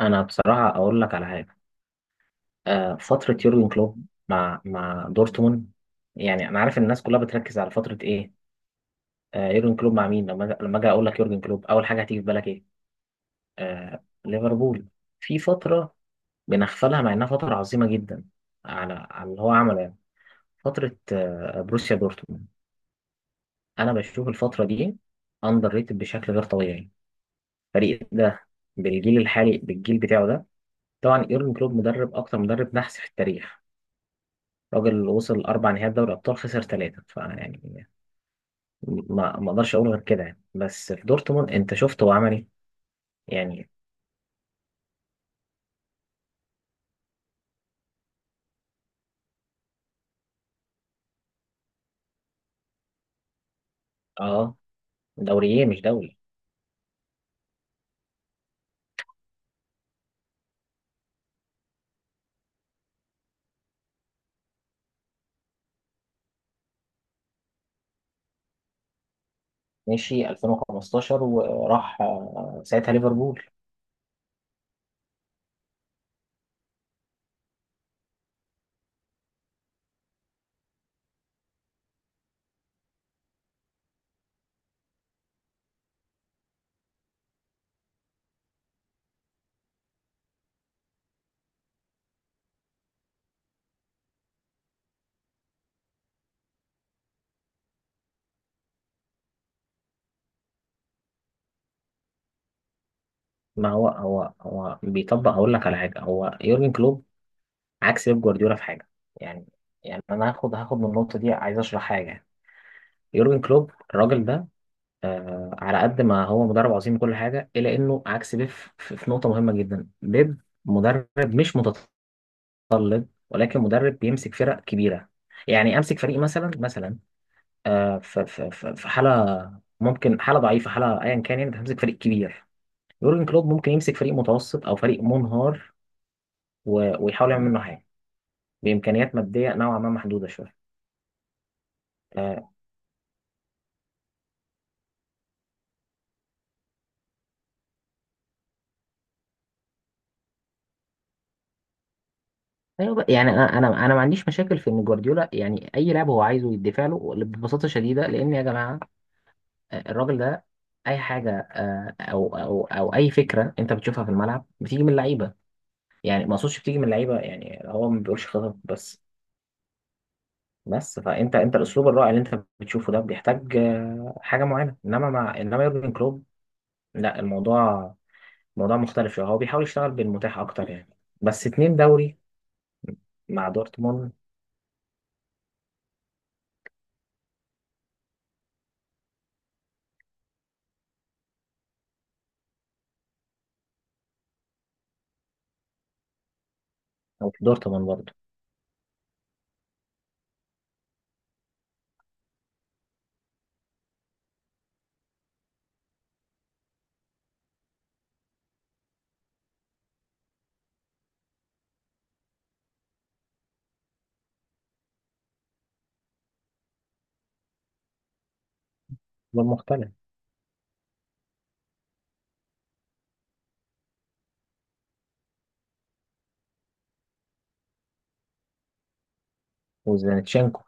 انا بصراحه اقول لك على حاجه. فتره يورجن كلوب مع دورتموند. يعني انا عارف الناس كلها بتركز على فتره ايه. يورجن كلوب مع مين. لما اجي اقول لك يورجن كلوب اول حاجه هتيجي في بالك ايه؟ ليفربول. في فتره بنغفلها مع انها فتره عظيمه جدا، على اللي هو عمله يعني. فتره بروسيا دورتموند. انا بشوف الفتره دي اندر ريتد بشكل غير طبيعي. الفريق ده بالجيل الحالي، بالجيل بتاعه ده. طبعا يورجن كلوب مدرب، اكتر مدرب نحس في التاريخ. راجل وصل أربع نهائيات دوري أبطال، خسر ثلاثة فيعني. ما أقدرش أقول غير كده يعني. بس في دورتموند أنت شفت هو عمل إيه. يعني أه، دوريين مش دوري. مشي 2015 وراح، ساعتها ليفربول. ما هو بيطبق، هقول لك على حاجة. هو يورجن كلوب عكس بيب جوارديولا في حاجة. يعني يعني أنا هاخد من النقطة دي، عايز أشرح حاجة. يورجن كلوب الراجل ده، على قد ما هو مدرب عظيم وكل حاجه الا انه عكس بيب في نقطه مهمه جدا. بيب مدرب، مش متطلب، ولكن مدرب بيمسك فرق كبيره. يعني امسك فريق مثلا مثلا، في حاله، ممكن حاله ضعيفه، حاله ايا كان يعني. بتمسك فريق كبير. يورجن كلوب ممكن يمسك فريق متوسط او فريق منهار، ويحاول يعمل منه حاجه بامكانيات ماديه نوعا ما محدوده شويه. آه، ايوه بقى، يعني انا ما عنديش مشاكل في ان جوارديولا، يعني اي لاعب هو عايزه يدفع له ببساطه شديده، لان يا جماعه الراجل ده اي حاجه، او اي فكره انت بتشوفها في الملعب بتيجي من اللعيبه. يعني ما اقصدش بتيجي من اللعيبه، يعني هو ما بيقولش خطط بس. بس فانت، انت الاسلوب الرائع اللي انت بتشوفه ده بيحتاج حاجه معينه، انما مع يورجن كلوب، لا، الموضوع موضوع مختلف شويه. هو بيحاول يشتغل بالمتاح اكتر يعني. بس اتنين دوري مع دورتموند او في دورتموند برضه. ده مختلف. وزينتشينكو.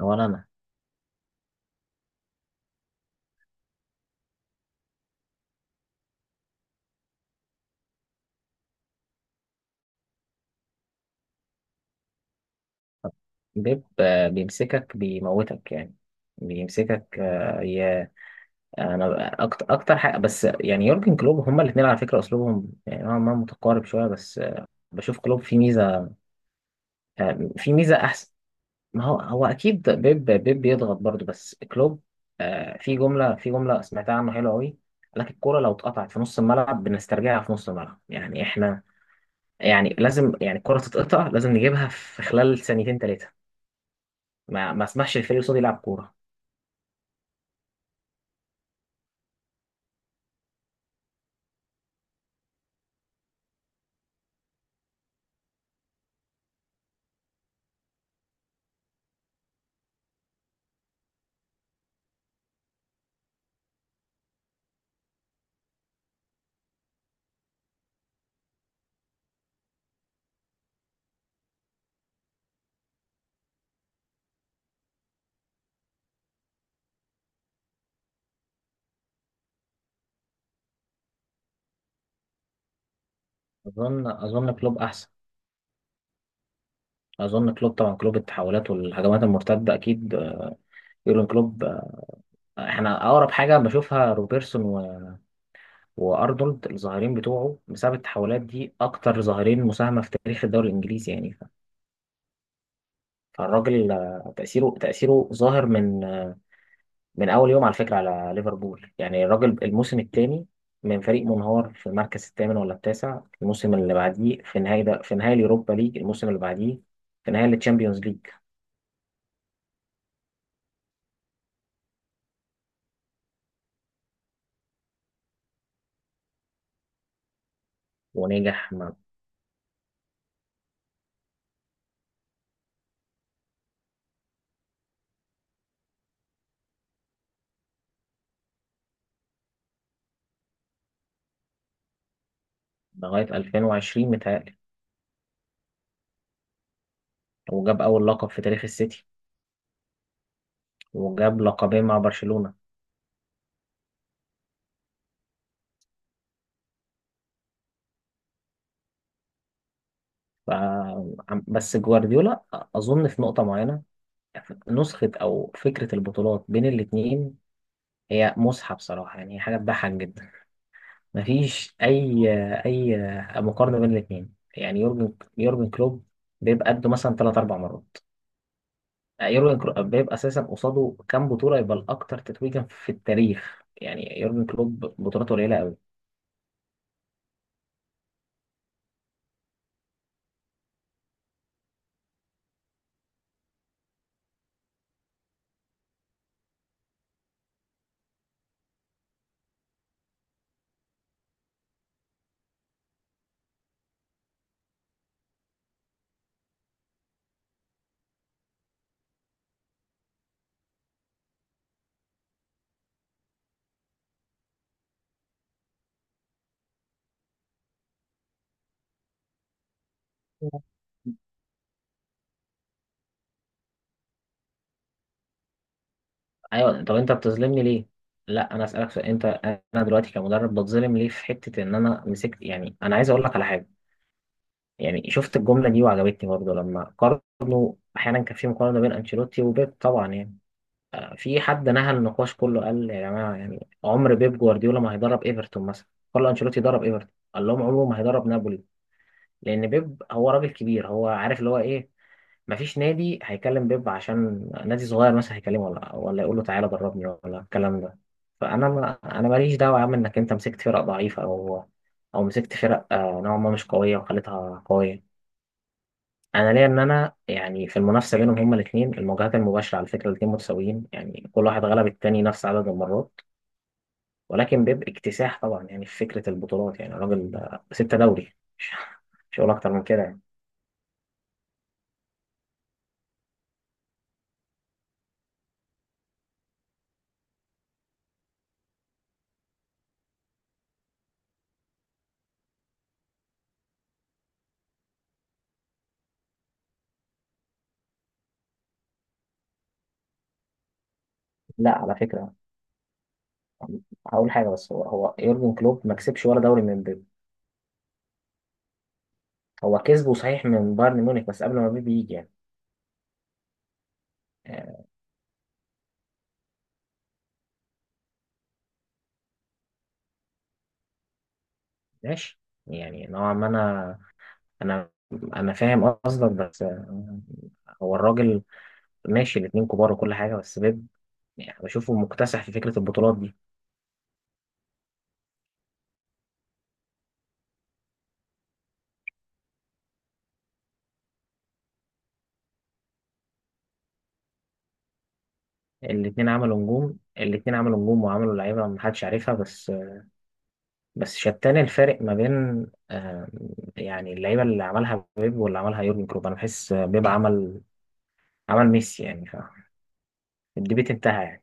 هو انا بيب بيمسكك بيموتك يعني. بيمسكك. انا اكتر حاجه، بس يعني يورجن كلوب هما الاثنين على فكره اسلوبهم يعني نوعا ما متقارب شويه. بس بشوف كلوب فيه ميزه، في ميزه احسن. ما هو هو اكيد بيب بيضغط برضه، بس كلوب، في جمله، في جمله سمعتها عنه حلوه قوي. قال لك الكوره لو اتقطعت في نص الملعب بنسترجعها في نص الملعب. يعني احنا يعني لازم، يعني الكوره تتقطع لازم نجيبها في خلال ثانيتين ثلاثه. ما اسمحش الفريق اللي قصادي يلعب كوره. اظن كلوب احسن. اظن كلوب طبعا، كلوب التحولات والهجمات المرتده اكيد. يورجن كلوب. احنا اقرب حاجه بشوفها روبرتسون وارنولد، الظاهرين بتوعه بسبب التحولات دي، اكتر ظاهرين مساهمه في تاريخ الدوري الانجليزي يعني. فالراجل، تاثيره ظاهر من اول يوم على فكره، على ليفربول. يعني الراجل الموسم الثاني، من فريق منهار في المركز الثامن ولا التاسع، الموسم اللي بعديه في نهائي، ده في نهائي اليوروبا ليج، الموسم اللي بعديه في نهائي التشامبيونز ليج. ونجح م- لغايه 2020 متهيألي. وجاب اول لقب في تاريخ السيتي، وجاب لقبين مع برشلونه. ف- بس جوارديولا، أظن في نقطة معينة، نسخة أو فكرة البطولات بين الاتنين هي مصحة بصراحة، يعني حاجة تضحك جدا. مفيش أي مقارنة بين الاتنين. يعني يورجن كلوب بيبقى قده مثلا تلات أربع مرات. يورجن كلوب بيبقى أساسا قصاده كام بطولة يبقى الأكتر تتويجا في التاريخ، يعني يورجن كلوب بطولاته قليلة أوي. ايوه، طب انت بتظلمني ليه؟ لا انا اسالك سؤال انت. انا دلوقتي كمدرب بتظلم ليه في حته ان انا مسكت؟ يعني انا عايز اقول لك على حاجه. يعني شفت الجمله دي وعجبتني برضه، لما قارنوا احيانا كان في مقارنه بين انشيلوتي وبيب، طبعا يعني. في حد نهى النقاش كله، قال يا جماعه، يعني عمر بيب جوارديولا ما هيدرب ايفرتون مثلا. كارلو انشيلوتي درب ايفرتون. قال لهم عمره ما هيدرب نابولي، لان بيب هو راجل كبير، هو عارف اللي هو ايه. مفيش نادي هيكلم بيب عشان نادي صغير، مثلا هيكلمه ولا يقول له تعالى دربني، ولا الكلام ده. فانا، ما انا ماليش دعوه يا عم انك انت مسكت فرق ضعيفه، او مسكت فرق نوعا ما مش قويه وخليتها قويه. انا ليا ان انا يعني في المنافسه بينهم هما الاثنين، المواجهات المباشره على فكره الاثنين متساويين، يعني كل واحد غلب التاني نفس عدد المرات. ولكن بيب اكتساح طبعا، يعني في فكره البطولات، يعني راجل ستة دوري مش هقول اكتر من كده يعني. لا، على فكره، هقول حاجه بس. هو يورجن كلوب ما كسبش ولا دوري من بيب. هو كسبه صحيح من بايرن ميونخ، بس قبل ما بيب يجي يعني. آه، ماشي، يعني نوعا ما انا، انا انا فاهم قصدك. بس هو الراجل، ماشي، الاتنين كبار وكل حاجه، بس بيب يعني بشوفه مكتسح في فكره البطولات دي. الاتنين عملوا نجوم. الاتنين عملوا نجوم، وعملوا لعيبه ما حدش عارفها. بس شتان الفارق ما بين، آه، يعني اللعيبه اللي عملها بيب واللي عملها يورجن كلوب، انا بحس بيب عمل ميسي، يعني فاهم؟ الديبيت انتهى يعني.